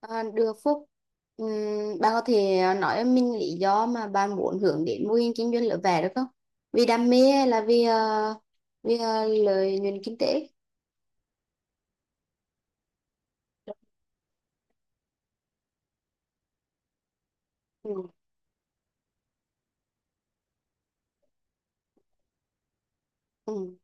À, được Phúc. Bạn có thể nói cho mình lý do mà bạn muốn hướng đến mô hình kinh doanh lửa vẽ được không, vì đam mê hay là vì lợi nhuận kinh tế? Ừ, ừ,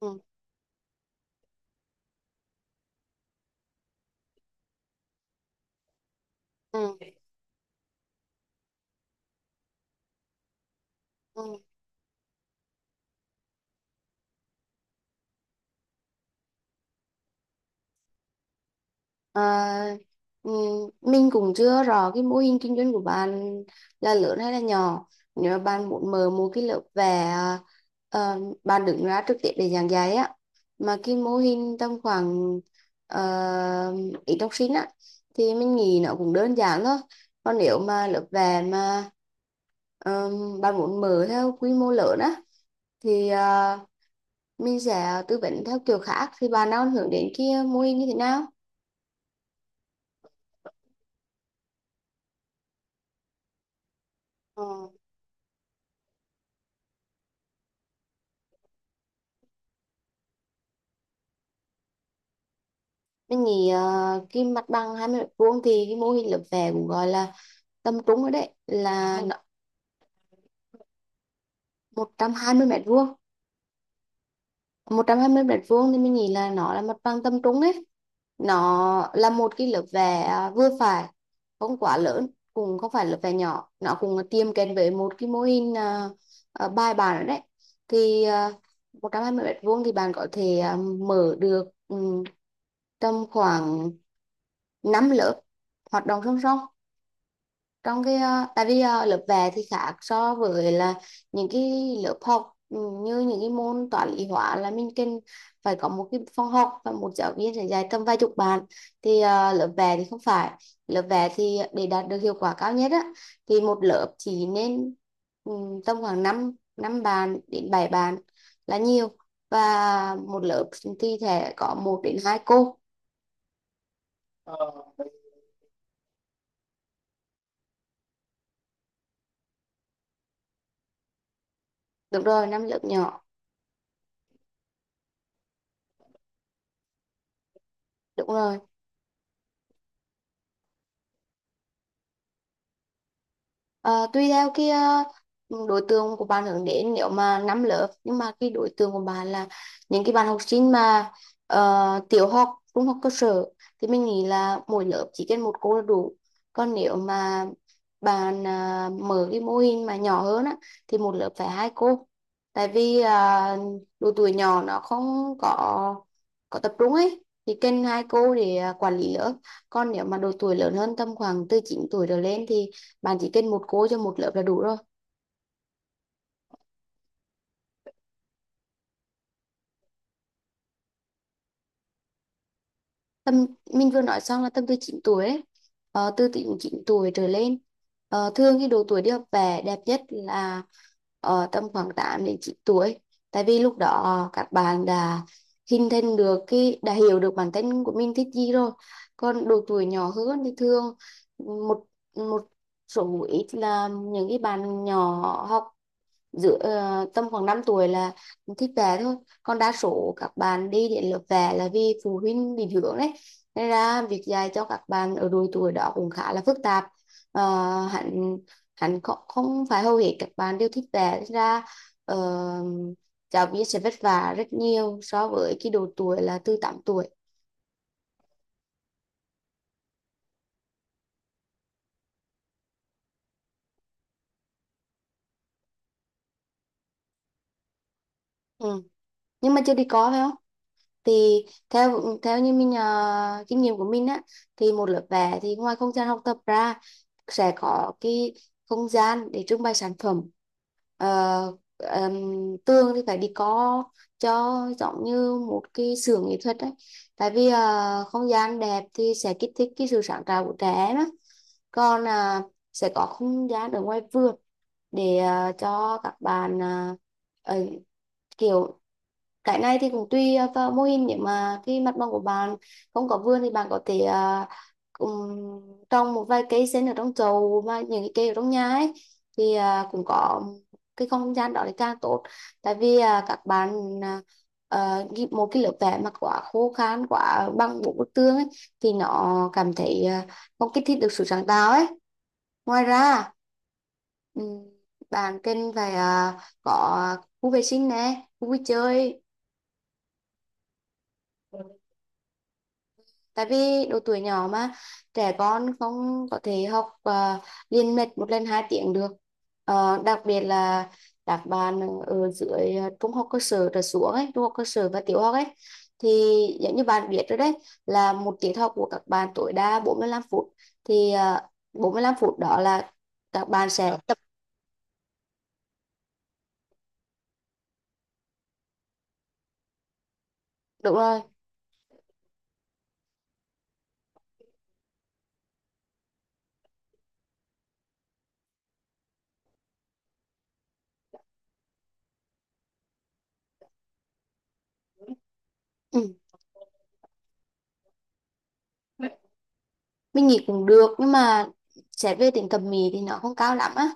ừ, ừ, ừ. Ờ, ừ, mình cũng chưa rõ cái mô hình kinh doanh của bạn là lớn hay là nhỏ. Nếu mà bạn muốn mở một cái lớp vẽ, bạn đứng ra trực tiếp để giảng dạy á, mà cái mô hình tầm khoảng ít học sinh á thì mình nghĩ nó cũng đơn giản thôi. Còn nếu mà lớp vẽ mà ờ, bạn muốn mở theo quy mô lớn á thì mình sẽ tư vấn theo kiểu khác. Thì bạn đang hướng đến kia mô hình như thế nào? Mình nghĩ cái mặt bằng 20 m² thì cái mô hình lớp vẽ cũng gọi là tầm trung rồi đấy, là nó. 120 mét vuông 120 m² thì mình nghĩ là nó là mặt bằng tầm trung ấy. Nó là một cái lớp vẽ vừa phải, không quá lớn, cũng không phải lớp vẽ nhỏ. Nó cũng tiêm kèm với một cái mô hình bài bản rồi đấy. Thì 120 m² thì bạn có thể mở được tầm khoảng 5 lớp hoạt động song song trong cái. Lớp vẽ thì khác so với là những cái lớp học, như những cái môn toán lý hóa là mình cần phải có một cái phòng học và một giáo viên sẽ dạy tầm vài chục bạn. Thì lớp vẽ thì không phải, lớp vẽ thì để đạt được hiệu quả cao nhất á thì một lớp chỉ nên ừ, tầm khoảng 5 năm bàn đến 7 bàn là nhiều. Và một lớp thì sẽ có một đến hai cô. Được rồi, năm lớp nhỏ. Đúng rồi. Ờ, Tùy theo cái đối tượng của bạn hướng đến. Nếu mà năm lớp nhưng mà cái đối tượng của bạn là những cái bạn học sinh mà tiểu học, trung học cơ sở thì mình nghĩ là mỗi lớp chỉ cần một cô là đủ. Còn nếu mà bạn mở cái mô hình mà nhỏ hơn á thì một lớp phải hai cô. Tại vì độ tuổi nhỏ nó không có tập trung ấy thì cần hai cô để quản lý lớp. Còn nếu mà độ tuổi lớn hơn tầm khoảng từ 9 tuổi trở lên thì bạn chỉ cần một cô cho một lớp là đủ rồi. Tầm, mình vừa nói xong là tầm từ 9 tuổi ấy. Từ 9 tuổi trở lên. Thường cái độ tuổi đi học về đẹp nhất là tầm khoảng 8 đến 9 tuổi, tại vì lúc đó các bạn đã hình thành được cái, đã hiểu được bản thân của mình thích gì rồi. Còn độ tuổi nhỏ hơn thì thường một một số ít là những cái bạn nhỏ học giữa, tầm khoảng 5 tuổi là thích vẽ thôi. Còn đa số các bạn đi đến lớp vẽ là vì phụ huynh định hướng đấy, nên ra việc dạy cho các bạn ở độ tuổi đó cũng khá là phức tạp. Ờ, hẳn hẳn không, không phải hầu hết các bạn đều thích vẽ. Nên ra ờ, giáo viên sẽ vất vả rất nhiều so với cái độ tuổi là từ 8 tuổi. Ừ. Nhưng mà chưa đi có phải không? Thì theo theo như mình, kinh nghiệm của mình á, thì một lớp vẽ thì ngoài không gian học tập ra sẽ có cái không gian để trưng bày sản phẩm. Tường thì phải đi có cho giống như một cái xưởng nghệ thuật đấy, tại vì không gian đẹp thì sẽ kích thích cái sự sáng tạo của trẻ em á. Còn sẽ có không gian ở ngoài vườn để cho các bạn, ờ, kiểu, cái này thì cũng tùy vào mô hình. Nếu mà cái mặt bằng của bạn không có vườn thì bạn có thể ừm, trồng một vài cây sen ở trong chậu và những cái cây ở trong nhà ấy. Thì cũng có cái không gian đó thì càng tốt. Tại vì các bạn, à, một cái lớp vẽ mà quá khô khan, quá bằng bộ bức tường ấy thì nó cảm thấy không kích thích được sự sáng tạo ấy. Ngoài ra ừm, bạn cần phải có khu vệ sinh nè, khu vui chơi. Tại vì độ tuổi nhỏ mà, trẻ con không có thể học liên mạch một lần 2 tiếng được. Đặc biệt là các bạn ở dưới trung học cơ sở trở xuống ấy, trung học cơ sở và tiểu học ấy. Thì giống như bạn biết rồi đấy, là một tiết học của các bạn tối đa 45 phút. Thì 45 phút đó là các bạn sẽ tập. Đúng rồi. Ừ. Mình nghĩ cũng được nhưng mà xét về tính thẩm mỹ thì nó không cao lắm á.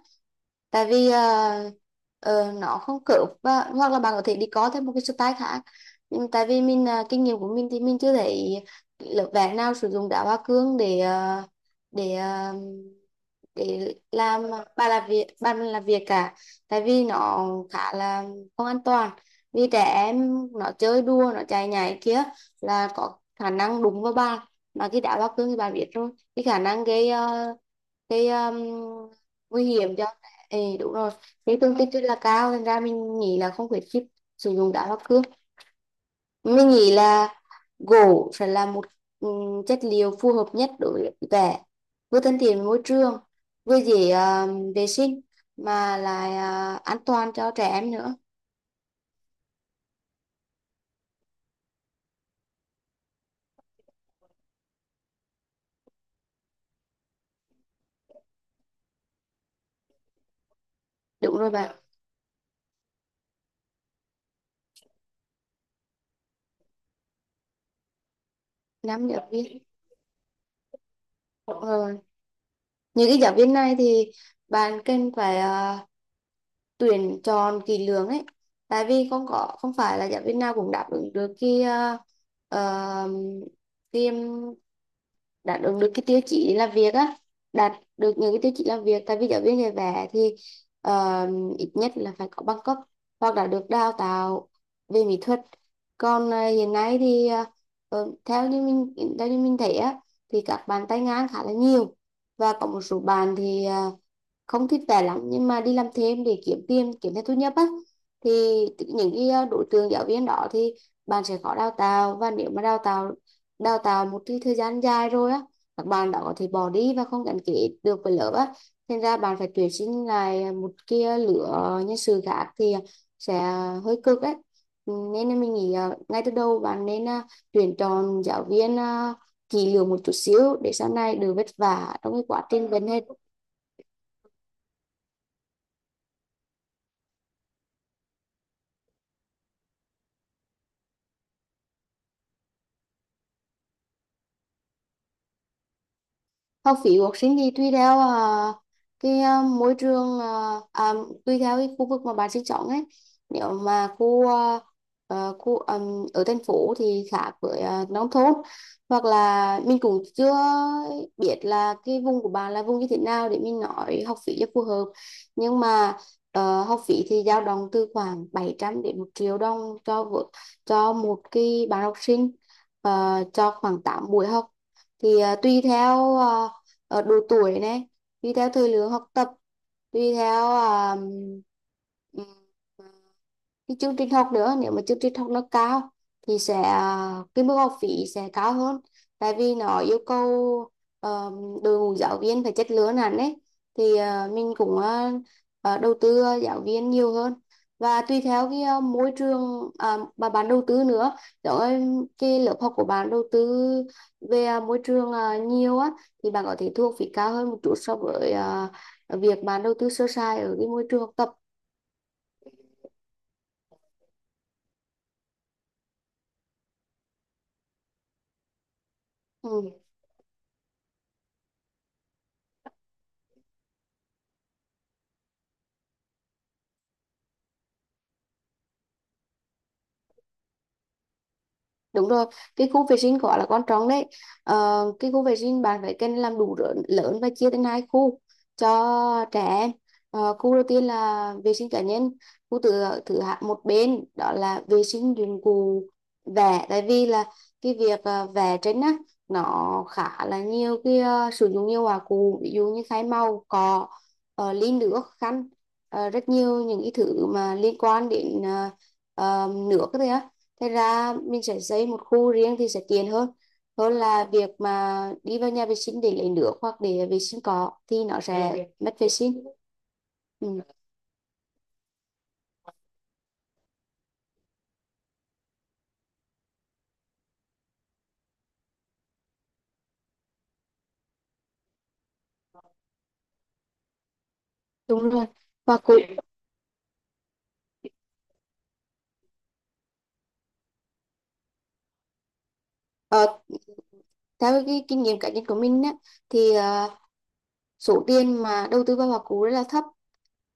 Tại vì ờ, nó không cướp và, hoặc là bạn có thể đi có thêm một cái style khác. Nhưng tại vì mình, kinh nghiệm của mình thì mình chưa thấy lớp vẽ nào sử dụng đá hoa cương để ờ, để làm bàn làm việc cả. Tại vì nó khá là không an toàn, vì trẻ em nó chơi đùa, nó chạy nhảy kia là có khả năng đụng vào bàn. Mà khi đá hoa cương thì bạn biết rồi, cái khả năng gây cái nguy hiểm cho. Ê, đúng rồi. Cái tương tích rất là cao, thành ra mình nghĩ là không khuyến khích sử dụng đá hoa cương. Mình nghĩ là gỗ sẽ là một chất liệu phù hợp nhất đối với vẽ, vừa thân thiện với môi trường, vừa dễ vệ sinh, mà lại an toàn cho trẻ em nữa. Đúng rồi bạn. Năm giáo viên. Đúng rồi. Những cái giáo viên này thì bạn cần phải tuyển chọn kỹ lưỡng ấy. Tại vì không có, không phải là giáo viên nào cũng đáp ứng được cái, ờ, cái đáp ứng được cái tiêu chí để làm việc á. Đạt được những cái tiêu chí làm việc, tại vì giáo viên dạy vẽ thì ờ, ít nhất là phải có bằng cấp hoặc là được đào tạo về mỹ thuật. Còn hiện nay thì theo như mình thấy á, thì các bạn tay ngang khá là nhiều. Và có một số bạn thì không thích vẽ lắm nhưng mà đi làm thêm để kiếm tiền, kiếm thêm thu nhập á. Thì những cái, đối tượng giáo viên đó thì bạn sẽ khó đào tạo. Và nếu mà đào tạo, một cái thời gian dài rồi á, các bạn đó có thể bỏ đi và không gắn kết được với lớp á. Thành ra bạn phải tuyển sinh lại một cái lứa, nhân sự khác thì sẽ hơi cực đấy. Nên là mình nghĩ ngay từ đầu bạn nên tuyển chọn giáo viên kỹ lưỡng một chút xíu để sau này đừng vất vả trong cái quá trình vấn hết. Học phí của học sinh thì tùy theo cái, môi trường, tùy theo cái khu vực mà bạn sinh sống ấy. Nếu mà khu khu ở thành phố thì khác với nông thôn. Hoặc là mình cũng chưa biết là cái vùng của bạn là vùng như thế nào để mình nói học phí cho phù hợp. Nhưng mà học phí thì dao động từ khoảng 700 đến 1.000.000 đồng cho cho một cái bạn học sinh, cho khoảng 8 buổi học. Thì tùy theo độ tuổi này, tùy theo thời lượng học tập, tùy theo à, cái chương trình học nữa. Nếu mà chương trình học nó cao thì sẽ, cái mức học phí sẽ cao hơn, tại vì nó yêu cầu ờ, đội ngũ giáo viên phải chất lượng hẳn đấy. Thì mình cũng đầu tư giáo viên nhiều hơn, và tùy theo cái môi trường mà bạn đầu tư nữa. Giống như cái lớp học của bạn đầu tư về môi trường nhiều á thì bạn có thể thu học phí cao hơn một chút so với việc bạn đầu tư sơ sài ở cái môi trường học tập. Ừ. Đúng rồi, cái khu vệ sinh gọi là quan trọng đấy. Cái khu vệ sinh bạn phải cần làm đủ, lớn và chia thành hai khu cho trẻ em. Khu đầu tiên là vệ sinh cá nhân, khu thứ thứ hạ một bên đó là vệ sinh dụng cụ vẽ. Tại vì là cái việc vẽ tranh á nó khá là nhiều cái, sử dụng nhiều hòa cụ, ví dụ như khái màu, cọ, ly nước, khăn, rất nhiều những cái thứ mà liên quan đến nước đấy. Thế ra mình sẽ xây một khu riêng thì sẽ tiện hơn, hơn là việc mà đi vào nhà vệ sinh để lấy nước hoặc để vệ sinh cỏ thì nó sẽ mất vệ sinh. Ừ, đúng rồi. Và cũng ờ, theo cái kinh nghiệm cá nhân của mình á, thì số tiền mà đầu tư vào hoa cú rất là thấp.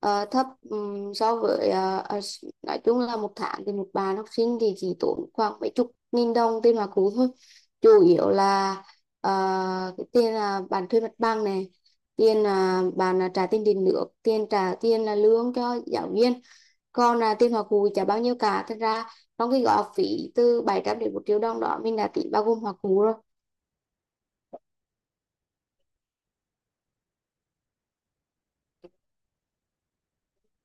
Thấp so với, nói chung là một tháng thì một bạn học sinh thì chỉ tốn khoảng mấy chục nghìn đồng tiền hoa cú thôi. Chủ yếu là ờ, cái tiền là bạn thuê mặt bằng này, tiền là bạn là trả tiền điện nước, tiền trả tiền là lương cho giáo viên. Còn là tiền hoa cú chả bao nhiêu cả thật ra. Trong cái gói học phí từ 700 đến 1.000.000 đồng đó mình đã tính bao gồm hoa cú rồi.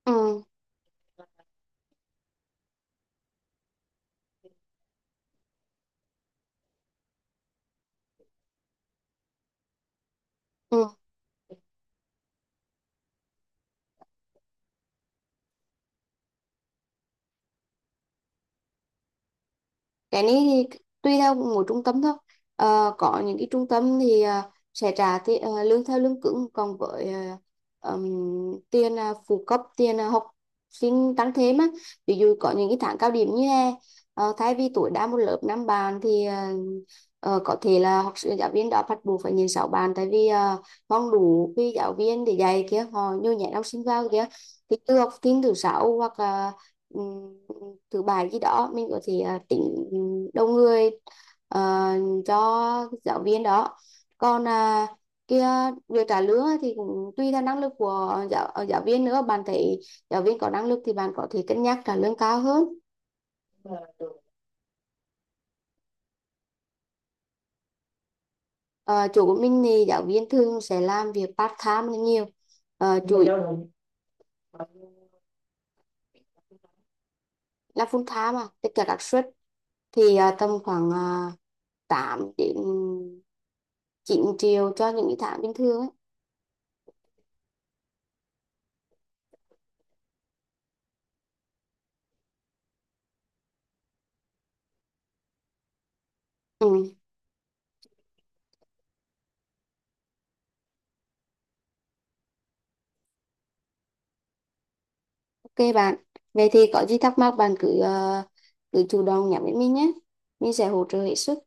Ừ. Ừ. Cái này thì tùy theo mỗi trung tâm thôi. Có những cái trung tâm thì sẽ trả lương theo lương cứng. Còn với tiền phụ cấp, tiền học sinh tăng thêm á, ví dụ có những cái tháng cao điểm như hè, thay vì tối đa một lớp năm bạn thì có thể là học sinh, giáo viên đã bắt buộc phải nhìn sáu bạn. Tại vì không đủ cái giáo viên để dạy kia, họ nhồi nhét học sinh vào kia. Thì từ học sinh thứ sáu hoặc là ừm, thứ bài gì đó mình có thể tính đông người ờ, cho giáo viên đó. Còn kia, việc trả lương thì cũng tùy theo năng lực của giáo viên nữa. Bạn thấy giáo viên có năng lực thì bạn có thể cân nhắc trả lương cao hơn. Ờ, Chủ của mình thì giáo viên thường sẽ làm việc part time là nhiều. Chủ yếu là full time mà tất cả các suất thì tầm khoảng 8 đến 9 triệu cho những cái tháng bình thường ấy. Ừ. Ok bạn, vậy thì có gì thắc mắc bạn cứ cứ chủ động nhắn với mình nhé. Mình sẽ hỗ trợ hết sức.